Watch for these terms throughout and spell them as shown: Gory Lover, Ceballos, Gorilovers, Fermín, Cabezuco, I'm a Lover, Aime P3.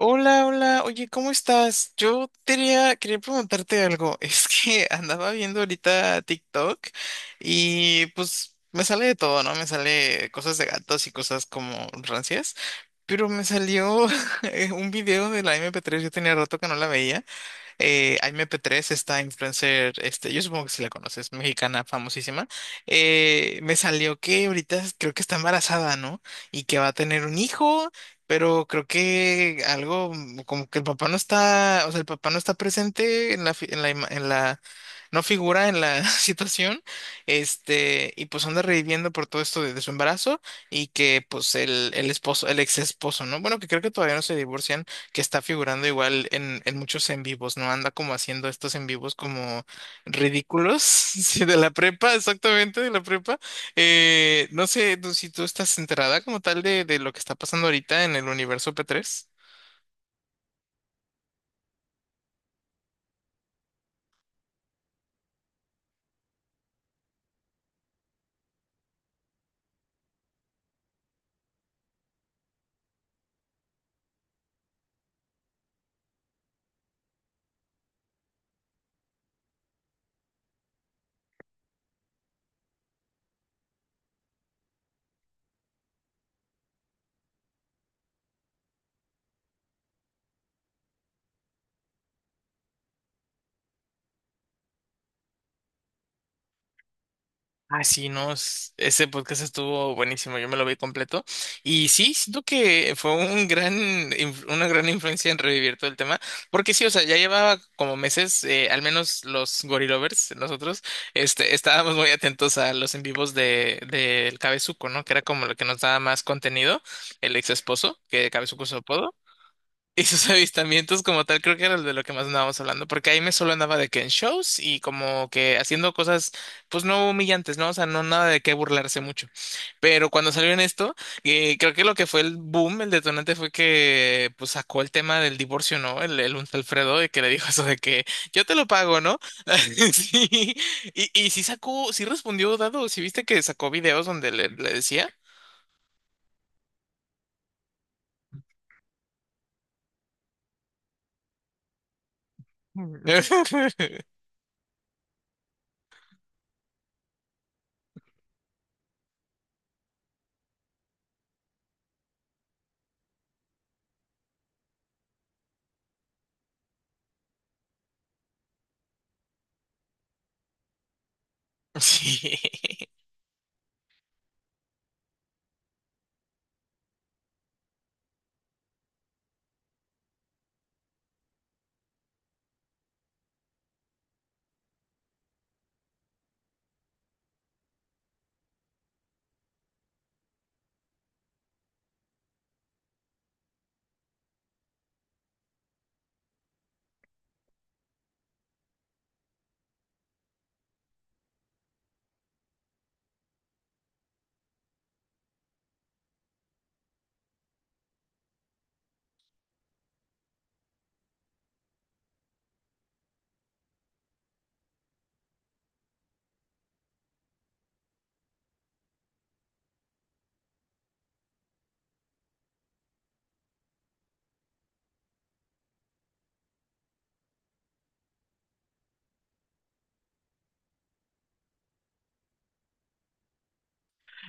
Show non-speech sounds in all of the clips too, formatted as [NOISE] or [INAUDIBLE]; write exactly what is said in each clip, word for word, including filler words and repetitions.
Hola, hola, oye, ¿cómo estás? Yo quería, quería preguntarte algo. [LAUGHS] Es que andaba viendo ahorita TikTok y pues me sale de todo, ¿no? Me sale cosas de gatos y cosas como rancias, pero me salió [LAUGHS] un video de la mp Tres. Yo tenía rato que no la veía. Eh, Aime P tres, esta influencer, este, yo supongo que si la conoces, mexicana famosísima. Eh, me salió que ahorita creo que está embarazada, ¿no? Y que va a tener un hijo, pero creo que algo mm, como que el papá no está. O sea, el papá no está presente en la, fi- en la, ima- en la no figura en la [LAUGHS] situación. Este, y pues anda reviviendo por todo esto de, de su embarazo. Y que pues el, el esposo, el ex esposo, ¿no? Bueno, que creo que todavía no se divorcian, que está figurando igual en, en muchos en vivos, ¿no? Anda como haciendo estos en vivos como ridículos. [LAUGHS] Sí, de la prepa, exactamente, de la prepa. Eh, no sé tú- si tú estás enterada como tal de, de lo que está pasando ahorita en el universo p tres. Ah, sí, no, es- ese podcast estuvo buenísimo, yo me lo vi completo. Y sí, siento que fue un gran, inf- una gran influencia en revivir todo el tema. Porque sí, o sea, ya llevaba como meses. Eh, al menos los Gorilovers, nosotros, este, estábamos muy atentos a los en vivos de, del Cabezuco, ¿no? Que era como lo que nos daba más contenido, el ex esposo, que Cabezuco es su apodo. Y sus [LAUGHS] avistamientos como tal creo que era de lo que más andábamos hablando, porque ahí me solo andaba de que en shows y como que haciendo cosas pues no humillantes, ¿no? O sea, no nada de qué burlarse mucho. Pero cuando salió en esto, eh, creo que lo que fue el boom, el detonante fue que pues sacó el tema del divorcio, ¿no? El, el un Alfredo y que le dijo eso de que yo te lo pago, ¿no? [LAUGHS] Sí. Y, y sí sacó, sí respondió Dado, sí viste que sacó videos donde le, le decía. [LAUGHS] Sí.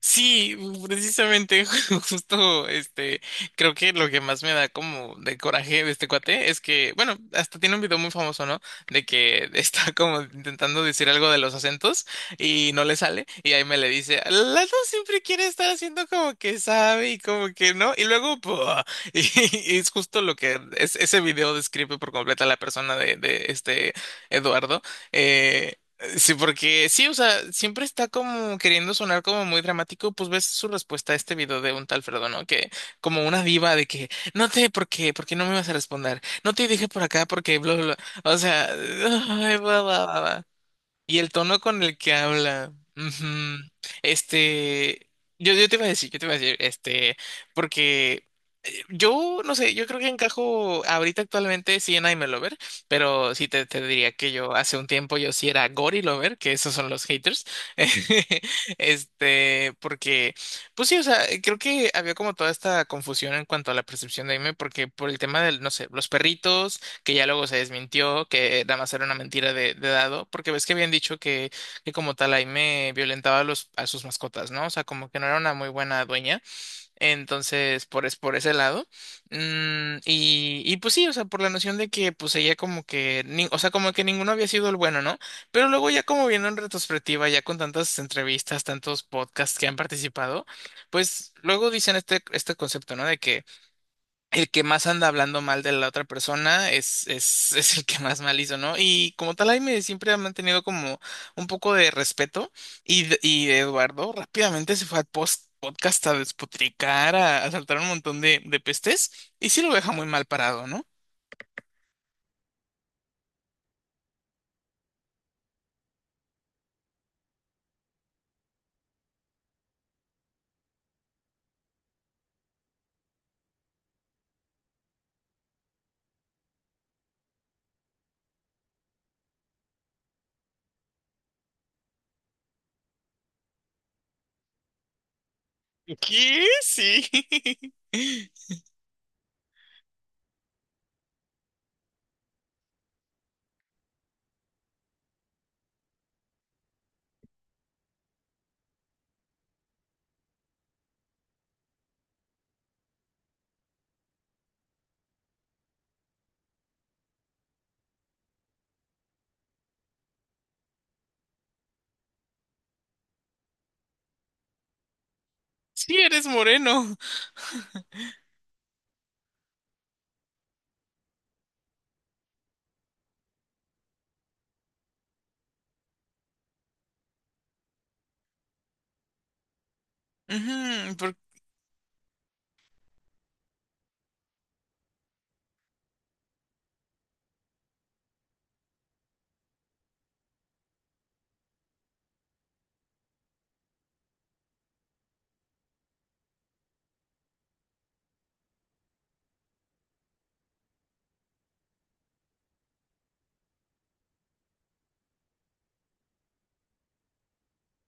Sí, precisamente, [LAUGHS] justo, este, creo que lo que más me da como de coraje de este cuate es que, bueno, hasta tiene un video muy famoso, ¿no? De que [LAUGHS] está como intentando decir algo de los acentos y no le sale, y ahí me le dice, Lalo siempre quiere estar haciendo como que sabe y como que no, y luego, ¡pua! [LAUGHS] y, y es justo lo que es, ese video describe por completo a la persona de, de este Eduardo. eh, eh, Sí, porque sí, o sea, siempre está como queriendo sonar como muy dramático, pues ves su respuesta a este video de un tal Fredo, ¿no? Que como una diva de que, no te, ¿por qué? ¿Por qué no me vas a responder? No te dije por acá porque, bla, bla, bla. O sea, [LAUGHS] ay, bla, bla, bla, bla. Y el tono con el que habla. Ujú. Este, yo, yo te iba a decir, yo te iba a decir, este, porque eh, yo no sé, yo creo que encajo ahorita actualmente sí en I'm a Lover, pero sí te, te diría que yo hace un tiempo yo sí era Gory Lover, que esos son los haters. [LAUGHS] Este, porque, pues sí, o sea, creo que había como toda esta confusión en cuanto a la percepción de Aime, porque por el tema del, no sé, los perritos que ya luego se desmintió, que nada más era una mentira de, de dado. Porque ves que habían dicho que, que como tal Aime violentaba a, los, a sus mascotas, ¿no? O sea, como que no era una muy buena dueña, entonces por, es, por ese lado. Mm, y, y pues sí, o sea, por la noción de que pues ella como que, ni- o sea, como que ninguno había sido el bueno, ¿no? Pero luego ya como viendo en retrospectiva, ya con tantas entrevistas, tantos podcasts que han participado, pues luego dicen este, este concepto, ¿no? De que el que más anda hablando mal de la otra persona es, es, [LAUGHS] es el que más mal hizo, ¿no? Y como tal, Jaime siempre ha mantenido como un poco de respeto, y, de- y Eduardo rápidamente se fue al post podcast a despotricar, a, a saltar un montón de, de pestes, y sí lo deja muy mal parado, ¿no? ¿Qué? Sí. [LAUGHS] Sí, eres moreno. Ujú.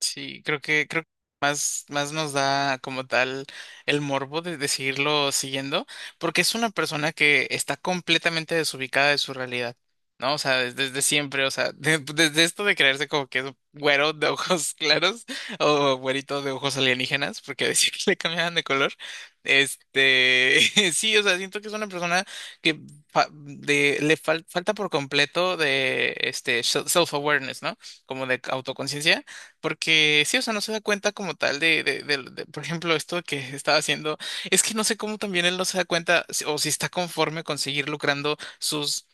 Sí, creo que, creo que más, más nos da como tal el morbo de, de seguirlo siguiendo, porque es una persona que está completamente desubicada de su realidad, ¿no? O sea, des- desde siempre. O sea, [LAUGHS] de- desde esto de creerse como que es güero de ojos [LAUGHS] claros o güerito de ojos alienígenas, porque [LAUGHS] decía que le cambiaban de color. Este, [LAUGHS] sí, o sea, siento que es una persona que fa- de, le fal- falta por completo de este self-awareness, ¿no? Como de autoconciencia. Porque sí, o sea, no se da cuenta como tal de, de, del- de- por ejemplo, esto que estaba haciendo. Es que no sé cómo también él no se da cuenta si- o si está conforme con seguir lucrando sus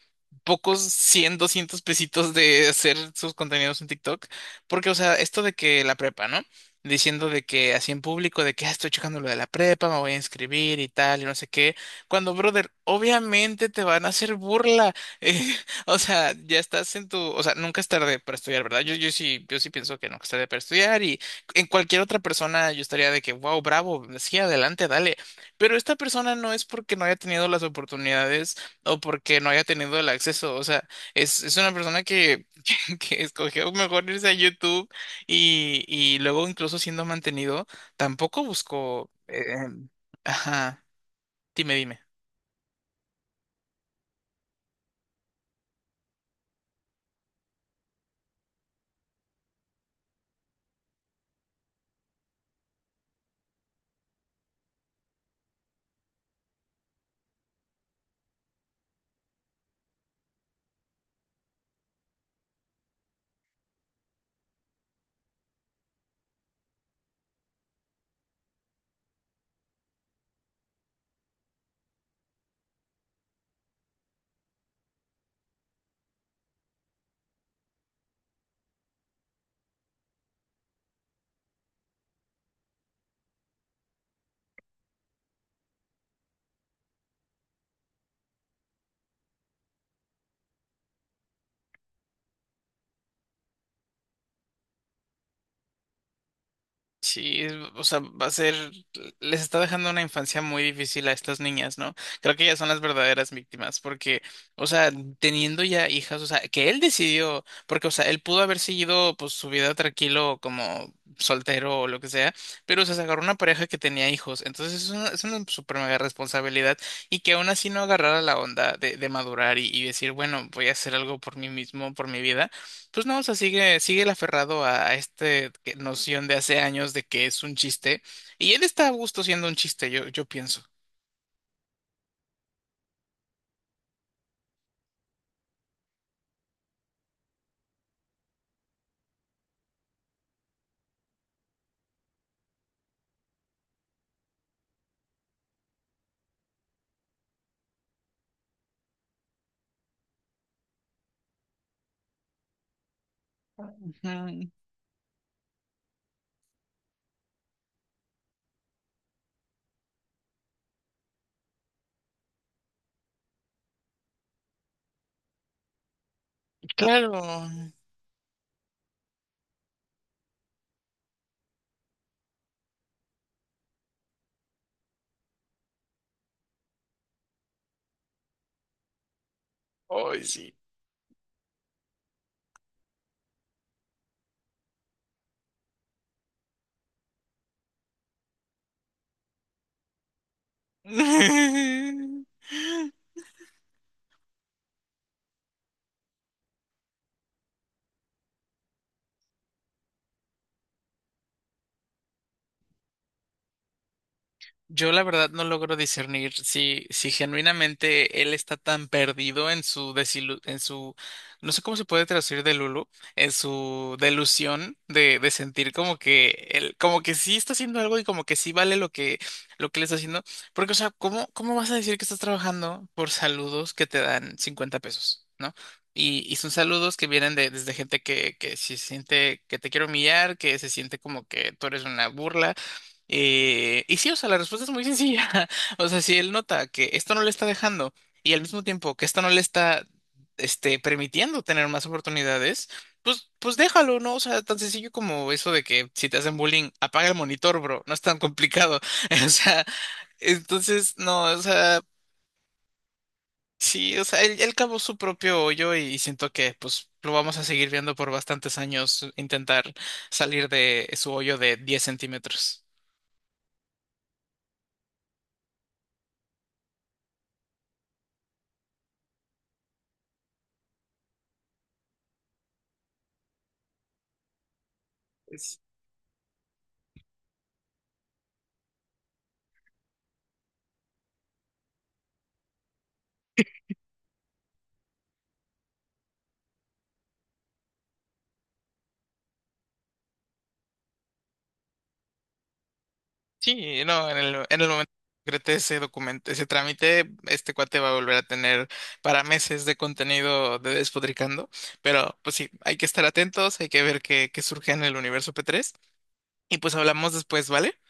pocos cien, doscientos pesitos de hacer sus contenidos en TikTok. Porque, o sea, esto de que la prepa, ¿no? Diciendo de que así en público, de que: "Ah, estoy checando lo de la prepa, me voy a inscribir y tal, y no sé qué". Cuando, brother, obviamente te van a hacer burla. [LAUGHS] O sea, ya estás en tu, o sea, nunca es tarde para estudiar, ¿verdad? Yo, yo sí, yo sí pienso que nunca es tarde para estudiar, y en cualquier otra persona yo estaría de que, wow, bravo, sí, adelante, dale. Pero esta persona no es porque no haya tenido las oportunidades o porque no haya tenido el acceso, o sea, es, es una persona que, [LAUGHS] que escogió mejor irse a YouTube, y, y luego incluso siendo mantenido, tampoco buscó. Eh, ajá, dime, dime. Sí, es- o sea, va a ser, les está dejando una infancia muy difícil a estas niñas, ¿no? Creo que ellas son las verdaderas víctimas, porque, o sea, teniendo ya hijas, o sea, que él decidió, porque, o sea, él pudo haber seguido, pues, su vida tranquilo como soltero o lo que sea, pero, o sea, se agarró una pareja que tenía hijos. Entonces es una, es una super mega responsabilidad, y que aún así no agarrara la onda de, de madurar, y, y decir, bueno, voy a hacer algo por mí mismo, por mi vida. Pues no, o sea, sigue, sigue el aferrado a, a este que- noción de hace años de que es un chiste. Y él está a gusto siendo un chiste, yo, yo pienso. Ujú. Claro. Ay, sí. [LAUGHS] Yo la verdad no logro discernir si, si genuinamente él está tan perdido en su desilu- en su, no sé cómo se puede traducir de Lulu, en su delusión de, de sentir como que él, como que sí está haciendo algo y como que sí vale lo que, lo que le está haciendo. Porque, o sea, ¿cómo, cómo vas a decir que estás trabajando por saludos que te dan cincuenta pesos? ¿No? Y, y son saludos que vienen de, desde gente que, que se siente que te quiere humillar, que se siente como que tú eres una burla. Eh, y sí, o sea, la respuesta es muy sencilla. [LAUGHS] O sea, si él nota que esto no le está dejando, y al mismo tiempo que esto no le está, este, permitiendo tener más oportunidades, pues, pues déjalo, ¿no? O sea, tan sencillo como eso de que si te hacen bullying, apaga el monitor, bro. No es tan complicado. [LAUGHS] O sea, entonces, no, o sea, sí, o sea, él, él cavó su propio hoyo, y siento que, pues, lo vamos a seguir viendo por bastantes años intentar salir de su hoyo de diez centímetros. Sí, no, en el, en el momento que concrete ese documento, ese trámite, este cuate va a volver a tener para meses de contenido de Despotricando. Pero pues sí, hay que estar atentos, hay que ver qué, qué surge en el universo P tres y pues hablamos después, ¿vale?